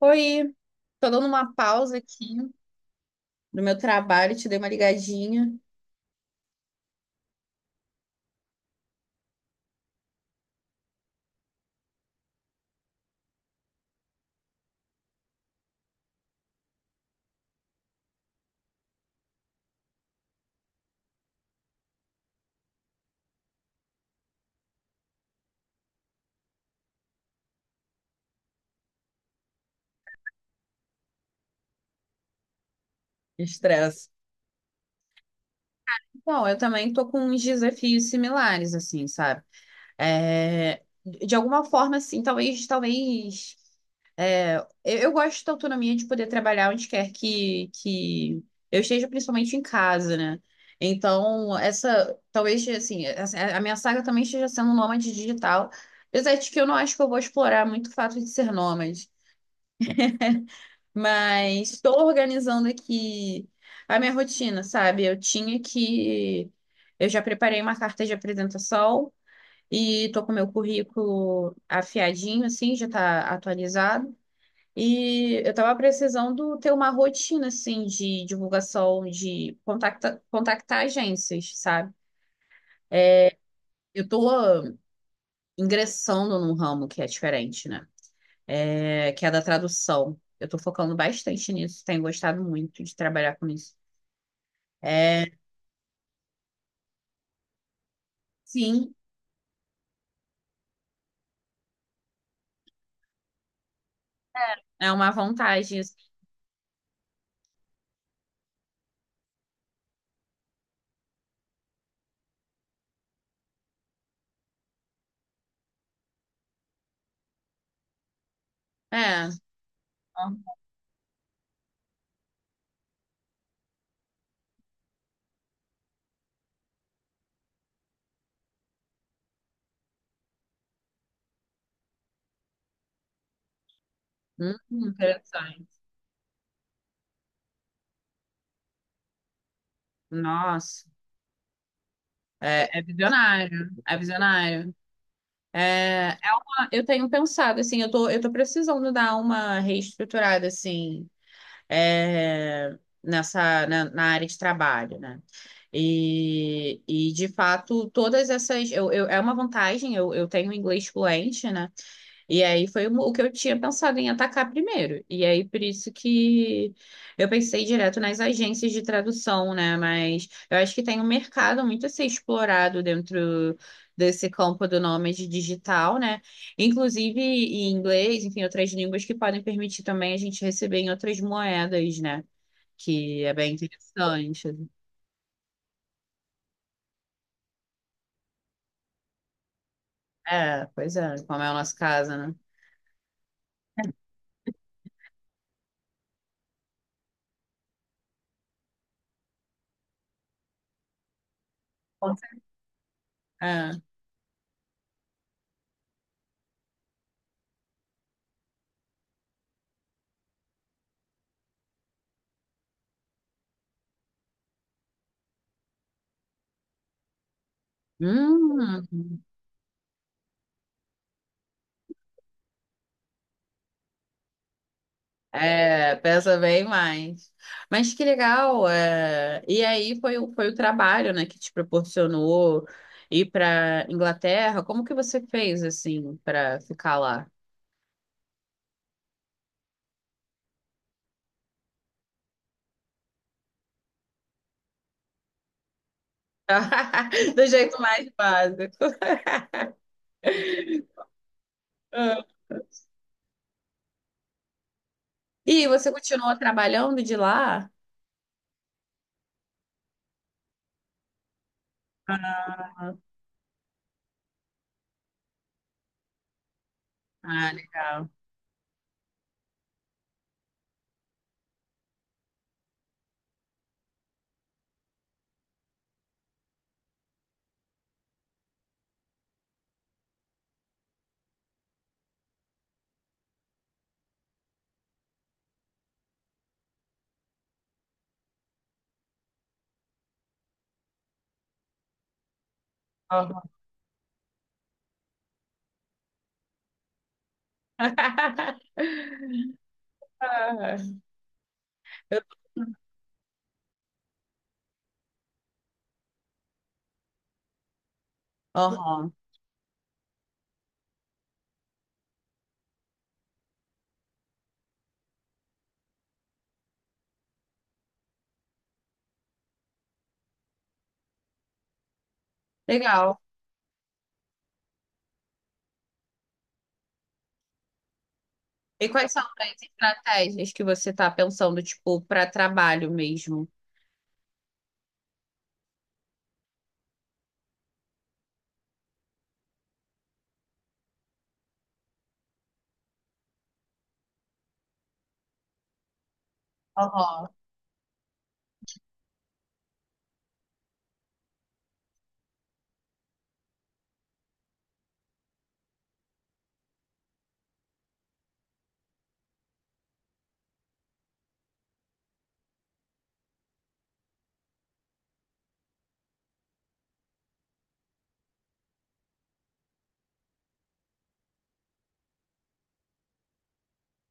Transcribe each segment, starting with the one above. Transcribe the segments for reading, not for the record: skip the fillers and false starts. Oi, tô dando uma pausa aqui do meu trabalho, te dei uma ligadinha. Estresse. Bom, eu também tô com uns desafios similares, assim, sabe? É, de alguma forma, assim, talvez, é, eu gosto da autonomia de poder trabalhar onde quer que eu esteja, principalmente em casa, né? Então, essa, talvez, assim, a minha saga também esteja sendo nômade digital, apesar de que eu não acho que eu vou explorar muito o fato de ser nômade. Mas estou organizando aqui a minha rotina, sabe? Eu tinha que. Eu já preparei uma carta de apresentação e estou com meu currículo afiadinho, assim, já está atualizado. E eu estava precisando ter uma rotina, assim, de divulgação, de contactar agências, sabe? É, eu estou ingressando num ramo que é diferente, né? É, que é da tradução. Eu estou focando bastante nisso, tenho gostado muito de trabalhar com isso. É, sim, é uma vantagem. É, interessante. Nossa, é, é visionário, é visionário. É, é, eu tenho pensado, assim, eu tô precisando dar uma reestruturada, assim, nessa, na área de trabalho, né? E de fato, todas essas, eu- é uma vantagem, eu tenho inglês fluente, né? E aí foi o que eu tinha pensado em atacar primeiro. E aí por isso que eu pensei direto nas agências de tradução, né? Mas eu acho que tem um mercado muito a ser explorado dentro desse campo do nômade digital, né? Inclusive em inglês, enfim, outras línguas que podem permitir também a gente receber em outras moedas, né? Que é bem interessante. É, pois é, como é o nosso caso, né? É. Hum. É, pesa bem mais. Mas que legal. E aí foi, foi o trabalho, né, que te proporcionou ir para Inglaterra. Como que você fez assim para ficar lá? Do jeito mais básico. Ah. E você continuou trabalhando de lá? Ah, legal. Aham. Ah, aham. Legal. E quais são as estratégias que você está pensando, tipo, para trabalho mesmo?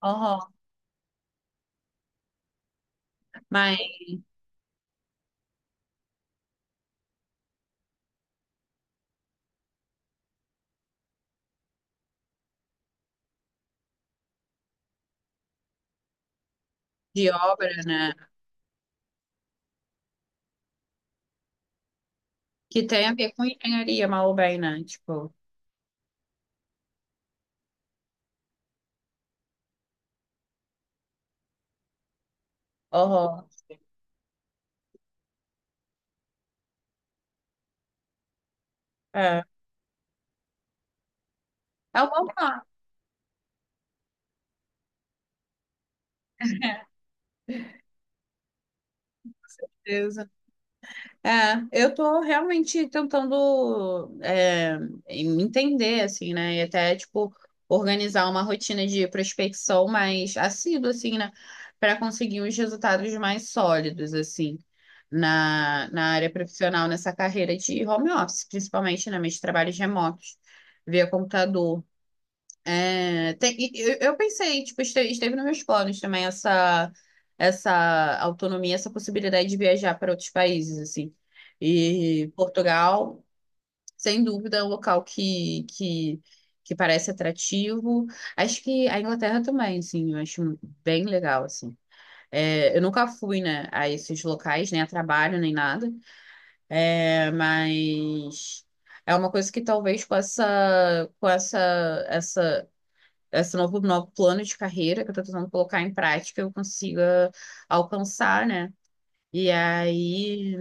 Aham. Mas de obra, né? Que tem a ver com engenharia, mal ou bem, né? Tipo, aham. É. É uma boa coisa. É, eu tô realmente tentando me entender, assim, né? E até, tipo, organizar uma rotina de prospecção mais assídua, assim, né? Para conseguir uns resultados mais sólidos, assim, na área profissional, nessa carreira de home office, principalmente, né? Meus trabalhos remotos, via computador. É, eu pensei, tipo, esteve nos meus planos também essa autonomia, essa possibilidade de viajar para outros países, assim. E Portugal, sem dúvida, é um local que parece atrativo. Acho que a Inglaterra também, assim, eu acho bem legal, assim. É, eu nunca fui, né, a esses locais, nem a trabalho, nem nada. É, mas é uma coisa que talvez com essa, essa esse novo plano de carreira que eu tô tentando colocar em prática, eu consiga alcançar, né? E aí,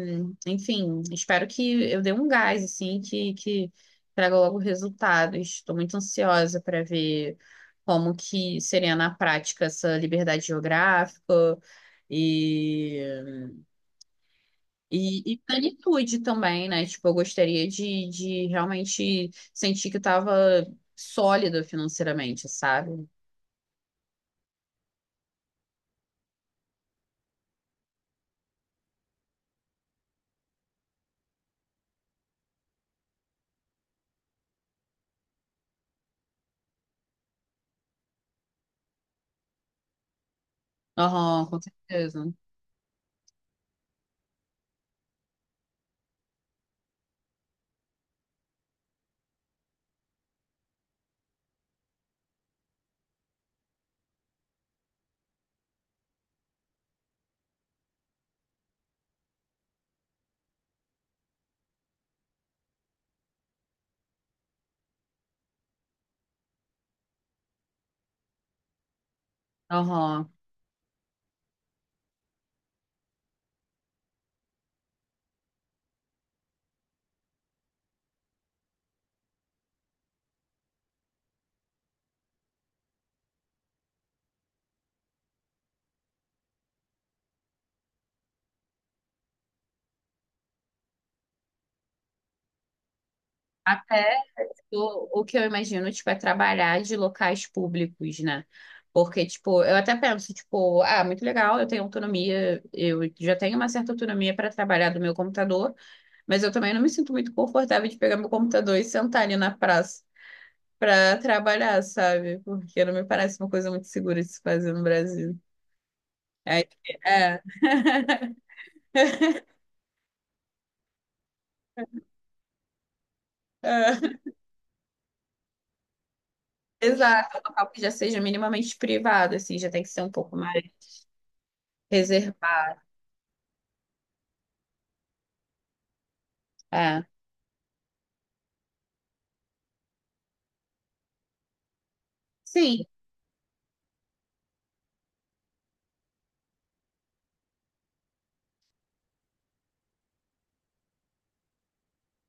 enfim, espero que eu dê um gás, assim, que traga logo resultados. Estou muito ansiosa para ver como que seria na prática essa liberdade geográfica e, e plenitude também, né? Tipo, eu gostaria de realmente sentir que eu estava sólida financeiramente, sabe? Aham, com certeza. Aham. Até o que eu imagino, tipo, é trabalhar de locais públicos, né? Porque, tipo, eu até penso, tipo, ah, muito legal, eu tenho autonomia, eu já tenho uma certa autonomia para trabalhar do meu computador, mas eu também não me sinto muito confortável de pegar meu computador e sentar ali na praça para trabalhar, sabe? Porque não me parece uma coisa muito segura de se fazer no Brasil. Aí, é. É. Exato, é um local que já seja minimamente privado, assim, já tem que ser um pouco mais. Reservar. É. Sim,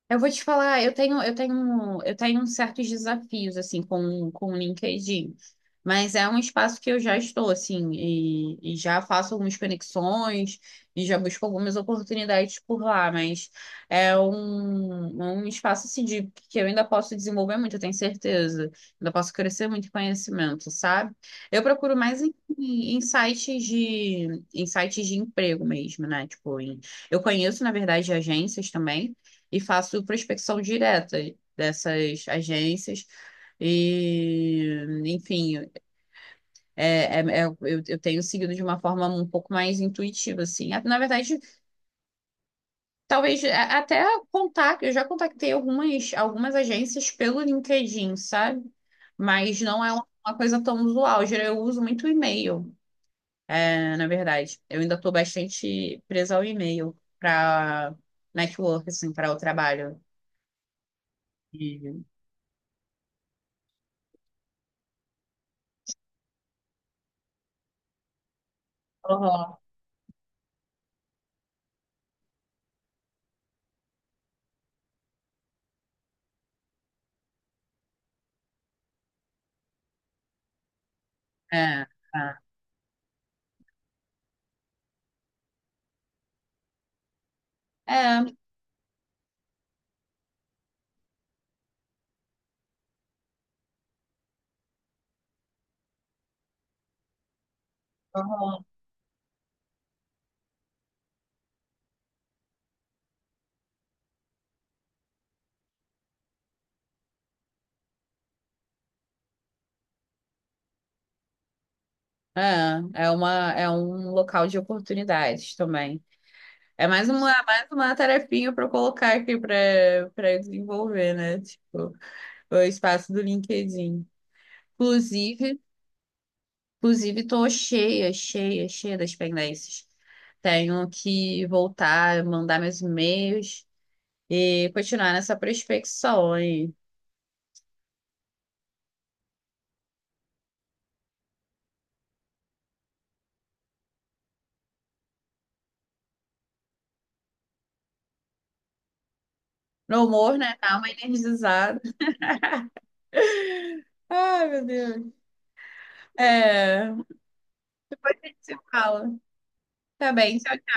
eu vou te falar, eu tenho uns certos desafios assim com o LinkedIn, mas é um espaço que eu já estou assim e já faço algumas conexões e já busco algumas oportunidades por lá, mas é um espaço assim, de, que eu ainda posso desenvolver muito, eu tenho certeza, ainda posso crescer muito em conhecimento, sabe? Eu procuro mais em sites em sites de emprego mesmo, né? Tipo, eu conheço na verdade agências também e faço prospecção direta dessas agências e, enfim, é, é- é- eu, eu tenho seguido de uma forma um pouco mais intuitiva, assim. Ah, na verdade, talvez até contar, eu já contactei algumas agências pelo LinkedIn, sabe? Mas não é uma coisa tão usual. Geral, eu uso muito e-mail, é, na verdade. Eu ainda estou bastante presa ao e-mail para network, assim, para o trabalho. E- uhum. É, é. É, uhum. É, é uma, é um local de oportunidades também. É mais uma tarefinha para eu colocar aqui para desenvolver, né? Tipo, o espaço do LinkedIn. Inclusive, inclusive tô cheia, cheia, cheia das pendências. Tenho que voltar, mandar meus e-mails e continuar nessa prospecção aí. No humor, né? Calma, energizada. Ai, meu Deus. É, você fala. Tá bem, tchau.